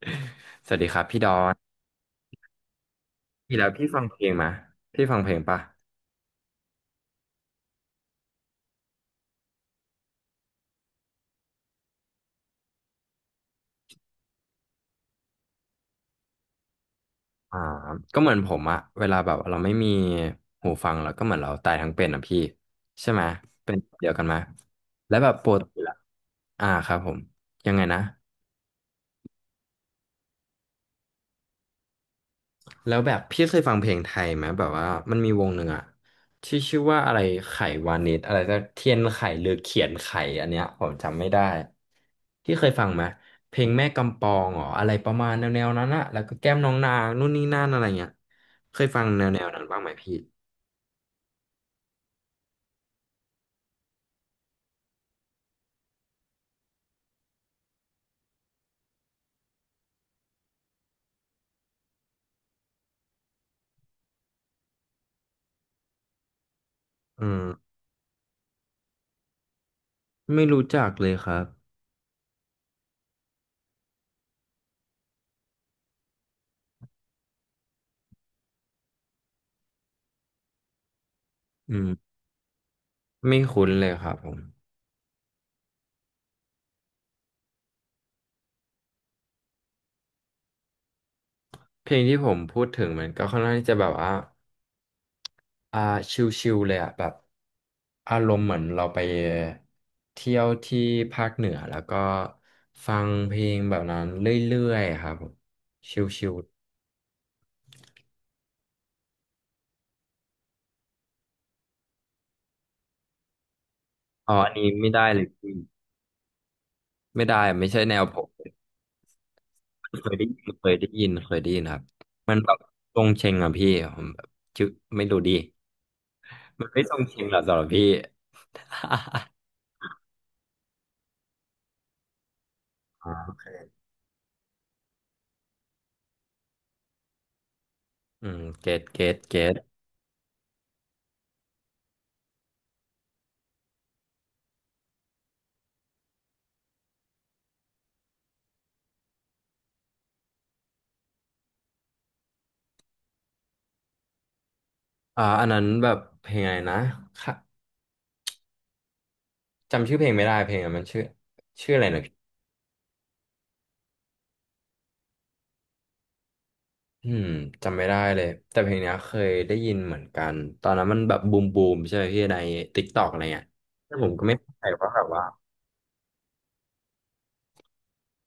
สวัสดีครับพี่ดอนพี่แล้วพี่ฟังเพลงไหมาพี่ฟังเพลงปะอ่าก็เหมือนผมอะเวลาแบบเราไม่มีหูฟังเราก็เหมือนเราตายทั้งเป็นอะพี่ ใช่ไหมเป็นเดียวกันไหมแล้วแบบปกติละอ่าครับผม ยังไงนะ แล้วแบบพี่เคยฟังเพลงไทยไหมแบบว่ามันมีวงหนึ่งอะที่ชื่อว่าอะไรไขวานิชอะไรสักเทียนไขหรือเขียนไขอันเนี้ยผมจำไม่ได้ที่เคยฟังไหมเพลงแม่กำปองเหรออะไรประมาณแนวๆนั้นอะแล้วก็แก้มน้องนางนู่นนี่นั่นอะไรเงี้ยเคยฟังแนวๆนั้นบ้างไหมพี่อืมไม่รู้จักเลยครับอืมไม่คุ้นเลยครับผมเพลงที่ผมพูดถึงมันก็ค่อนข้างที่จะแบบว่า อ่าชิลๆเลยอ่ะแบบอารมณ์เหมือนเราไปเที่ยวที่ภาคเหนือแล้วก็ฟังเพลงแบบนั้นเรื่อยๆครับผมชิลๆอ๋ออันนี้ไม่ได้เลยพี่ไม่ได้ไม่ใช่แนวผมเคยได้ยินครับมันแบบทรงเชงอ่ะพี่ผมแบบชอไม่รู้ดีมันไม่ทรงเชงหรอกสำหรับพี่ อ๋ออืมเกตอ่าอันนั้นแบบเพลงไงนะ จำชื่อเพลงไม่ได้เพลงอะมันชื่อชื่ออะไรนะพี่อืมจำไม่ได้เลยแต่เพลงเนี้ยเคยได้ยินเหมือนกันตอนนั้นมันแบบบูมบูมใช่ไหมพี่ในติ๊กตอกอะไรเงี้ยแต่ผมก็ไม่เข้าใจว่าแบบว่า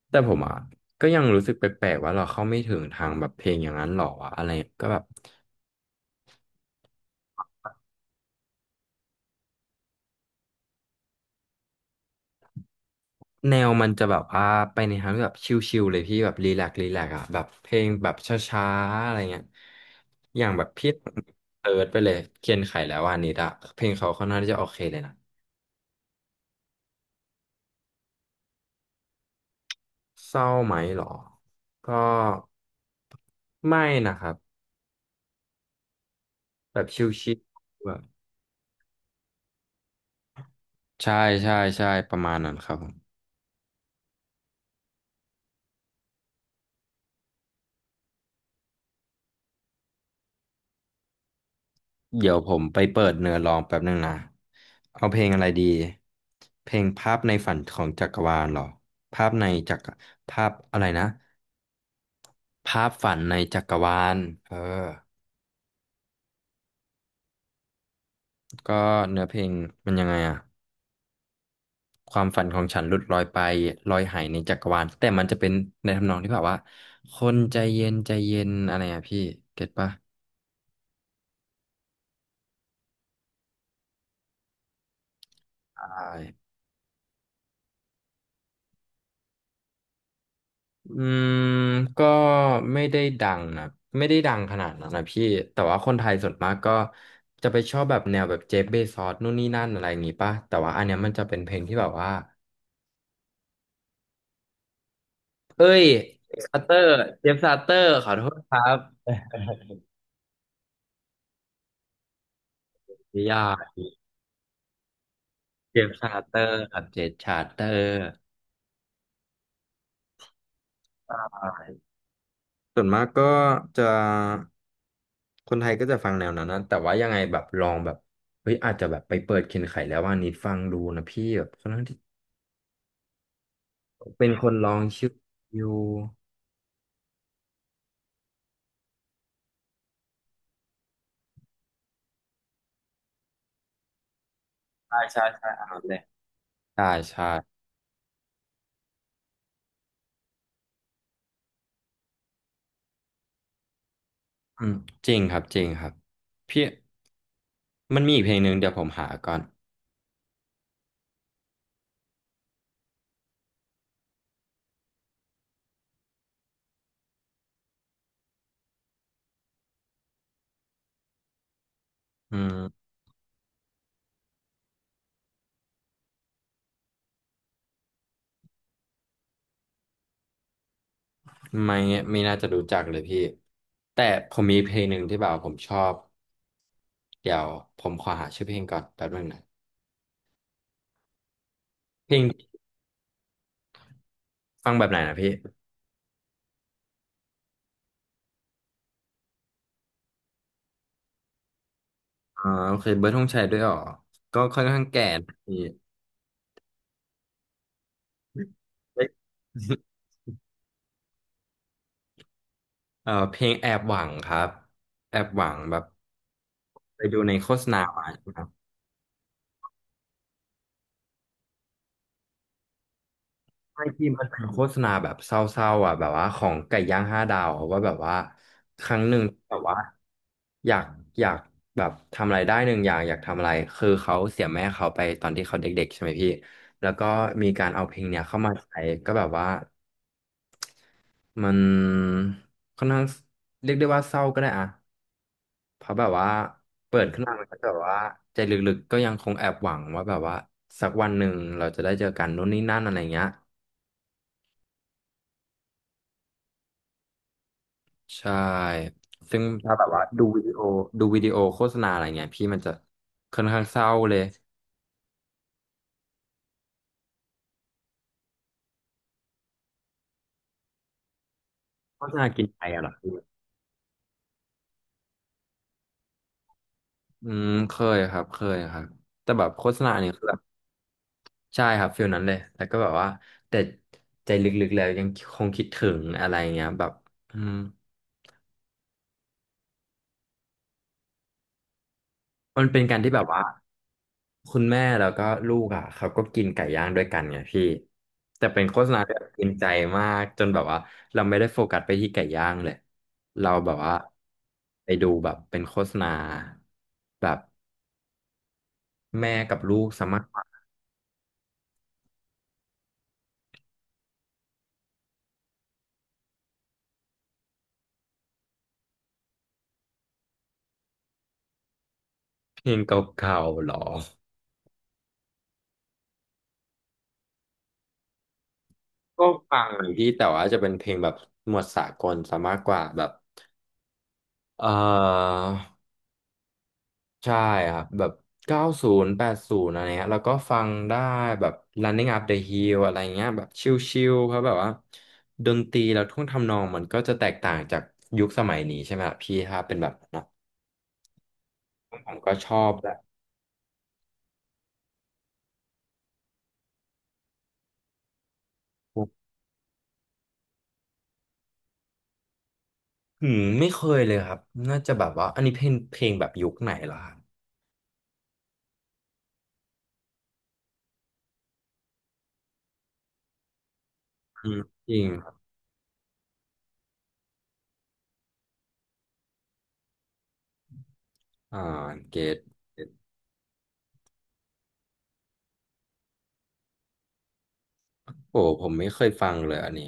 แต่ผมอ่ะก็ยังรู้สึกแปลกๆว่าเราเข้าไม่ถึงทางแบบเพลงอย่างนั้นหรอวะอะไรก็แบบแนวมันจะแบบว่าไปในทางที่แบบชิลๆเลยพี่แบบรีแลกซ์อ่ะแบบเพลงแบบช้าๆอะไรเงี้ยอย่างแบบพี่เติร์ดไปเลยเคียนไขแล้ววานิดอะเพลงเขาค่อนข้างที่จะโอเคเลยนะ เศร้าไหมเหรอ ก็ไม่นะครับแบบชิลๆแบบใช่ใช่ใช่ประมาณนั้นครับผมเดี๋ยวผมไปเปิดเนื้อร้องแป๊บนึงนะเอาเพลงอะไรดีเพลงภาพในฝันของจักรวาลเหรอภาพในจักรภาพอะไรนะภาพฝันในจักรวาลเออก็เนื้อเพลงมันยังไงอะ ความฝันของฉันหลุดลอยไปลอยหายในจักรวาลแต่มันจะเป็นในทำนองที่แบบว่าคนใจเย็นอะไรอ่ะพี่เก็ตปะใช่อืมก็ไม่ได้ดังนะไม่ได้ดังขนาดนั้นนะพี่แต่ว่าคนไทยส่วนมากก็จะไปชอบแบบแนวแบบเจฟเบซอสนู่นนี่นั่นอะไรอย่างงี้ปะแต่ว่าอันเนี้ยมันจะเป็นเพลงที่แบบว่าเอ้ยซาเตอร์เจฟซาเตอร์ขอโทษครับอย่ากเจฟซาเตอร์ครับเจฟซาเตอร์ ส่วนมากก็จะคนไทยก็จะฟังแนวนั้นนะแต่ว่ายังไงแบบลองแบบเฮ้ยอาจจะแบบไปเปิดเคนไขแล้วว่านิดฟังดูนะพี่แบบคอนข้างที่เป็นคนลองชื่ออยู่ใช่ใช่ใช่อันนั้นเลยใช่ใช่อืมจริงครับพี่มันมีอีกเพลงหนึ่งเดี๋ยวผมหาก่อนอืมไม่ไม่น่าจะรู้จักเลยพี่แต่ผมมีเพลงหนึ่งที่แบบผมชอบเดี๋ยวผมขอหาชื่อเพลงก่อนแป๊บนึงนะเพลงฟังแบบไหนนะพี่ โอเคเบิร์ดธงชัยด้วยเหรอก็ค่อนข้างแก่นะพี่เอ้ย เพลงแอบหวังครับแอบหวังแบบไปดูในโฆษณามาใช่ไหมครับไอที่มันเป็นโฆษณาแบบเศร้าๆอ่ะแบบว่าของไก่ย่างห้าดาวอะว่าแบบว่าครั้งหนึ่งแบบว่าอยากอยากแบบทำอะไรได้หนึ่งอย่างอยากทำอะไรคือเขาเสียแม่เขาไปตอนที่เขาเด็กๆใช่ไหมพี่แล้วก็มีการเอาเพลงเนี้ยเข้ามาใช้ก็แบบว่า มันค่อนข้างเรียกได้ว่าเศร้าก็ได้อะเพราะแบบว่าเปิดขึ้นมามันก็จะแบบว่าใจลึกๆก็ยังคงแอบหวังว่าแบบว่าสักวันหนึ่งเราจะได้เจอกันนู่นนี่นั่นอะไรเงี้ยใช่ซึ่งถ้าแบบว่าดูวิดีโอดูวิดีโอโฆษณาอะไรเงี้ยพี่มันจะค่อนข้างเศร้าเลยโฆษณากินใจอะเหรอพี่อืมเคยครับแต่แบบโฆษณาเนี่ย ใช่ครับฟิลนั้นเลยแล้วก็แบบว่าแต่ใจลึกๆแล้วยังคงคิดถึงอะไรเงี้ยแบบอืมมันเป็นการที่แบบว่าคุณแม่แล้วก็ลูกอ่ะเขาก็กินไก่ย่างด้วยกันไงพี่แต่เป็นโฆษณาที่แบบกินใจมากจนแบบว่าเราไม่ได้โฟกัสไปที่ไก่ย่างเลยเราแบบว่าไปดูแบบเป็นโฆษณาแบบแม่กับลูกสามารถฟังเพลงเก่าๆหรอ ก็ฟังพี่แต่ว่าจะเป็นเพลงแบบหมวดสากลซะมากกว่าแบบ เอ่อใช่ครับแบบเก้าศูนย์แปดศูนย์อะไรเงี้ยแล้วก็ฟังได้แบบ Running Up the Hill อะไรเงี้ยแบบชิลๆเพราะแบบว่าดนตรีแล้วท่วงทำนองมันก็จะแตกต่างจากยุคสมัยนี้ใช่ไหมครับพี่ถ้าเป็นแบบนั้นนะผมก็ชอบแบบอืมไม่เคยเลยครับน่าจะแบบว่าอันนี้เพลงเพลงแบบยุคไหนเหรอครับอืมจริงครับอ่าเกตโอ้ผมไม่เคยฟังเลยอันนี้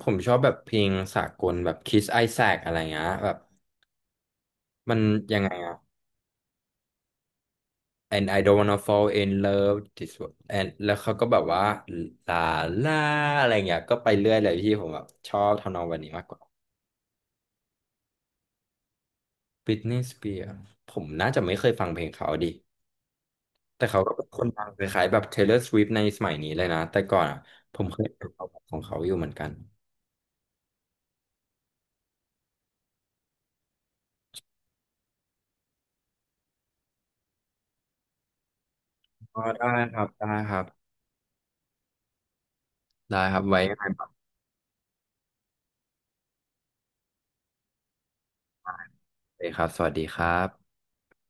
ผมชอบแบบเพลงสากลแบบ Kiss Isaac อะไรเงี้ยแบบมันยังไงอะ and I don't wanna fall in love this one and แล้วเขาก็แบบว่าลาลาอะไรเงี้ยก็ไปเรื่อยเลยพี่ผมแบบชอบทำนองวันนี้มากกว่า Britney Spears ผมน่าจะไม่เคยฟังเพลงเขาดิแต่เขาก็เป็นคนดังคล้ายๆแบบ Taylor Swift ในสมัยนี้เลยนะแต่ก่อนอะผมเคยฟังขาของเขาอยู่เหมือนกันอ๋อได้ครับได้ครับได้ครับไว้ยังไงปรับเลยครับสวัสดีครับ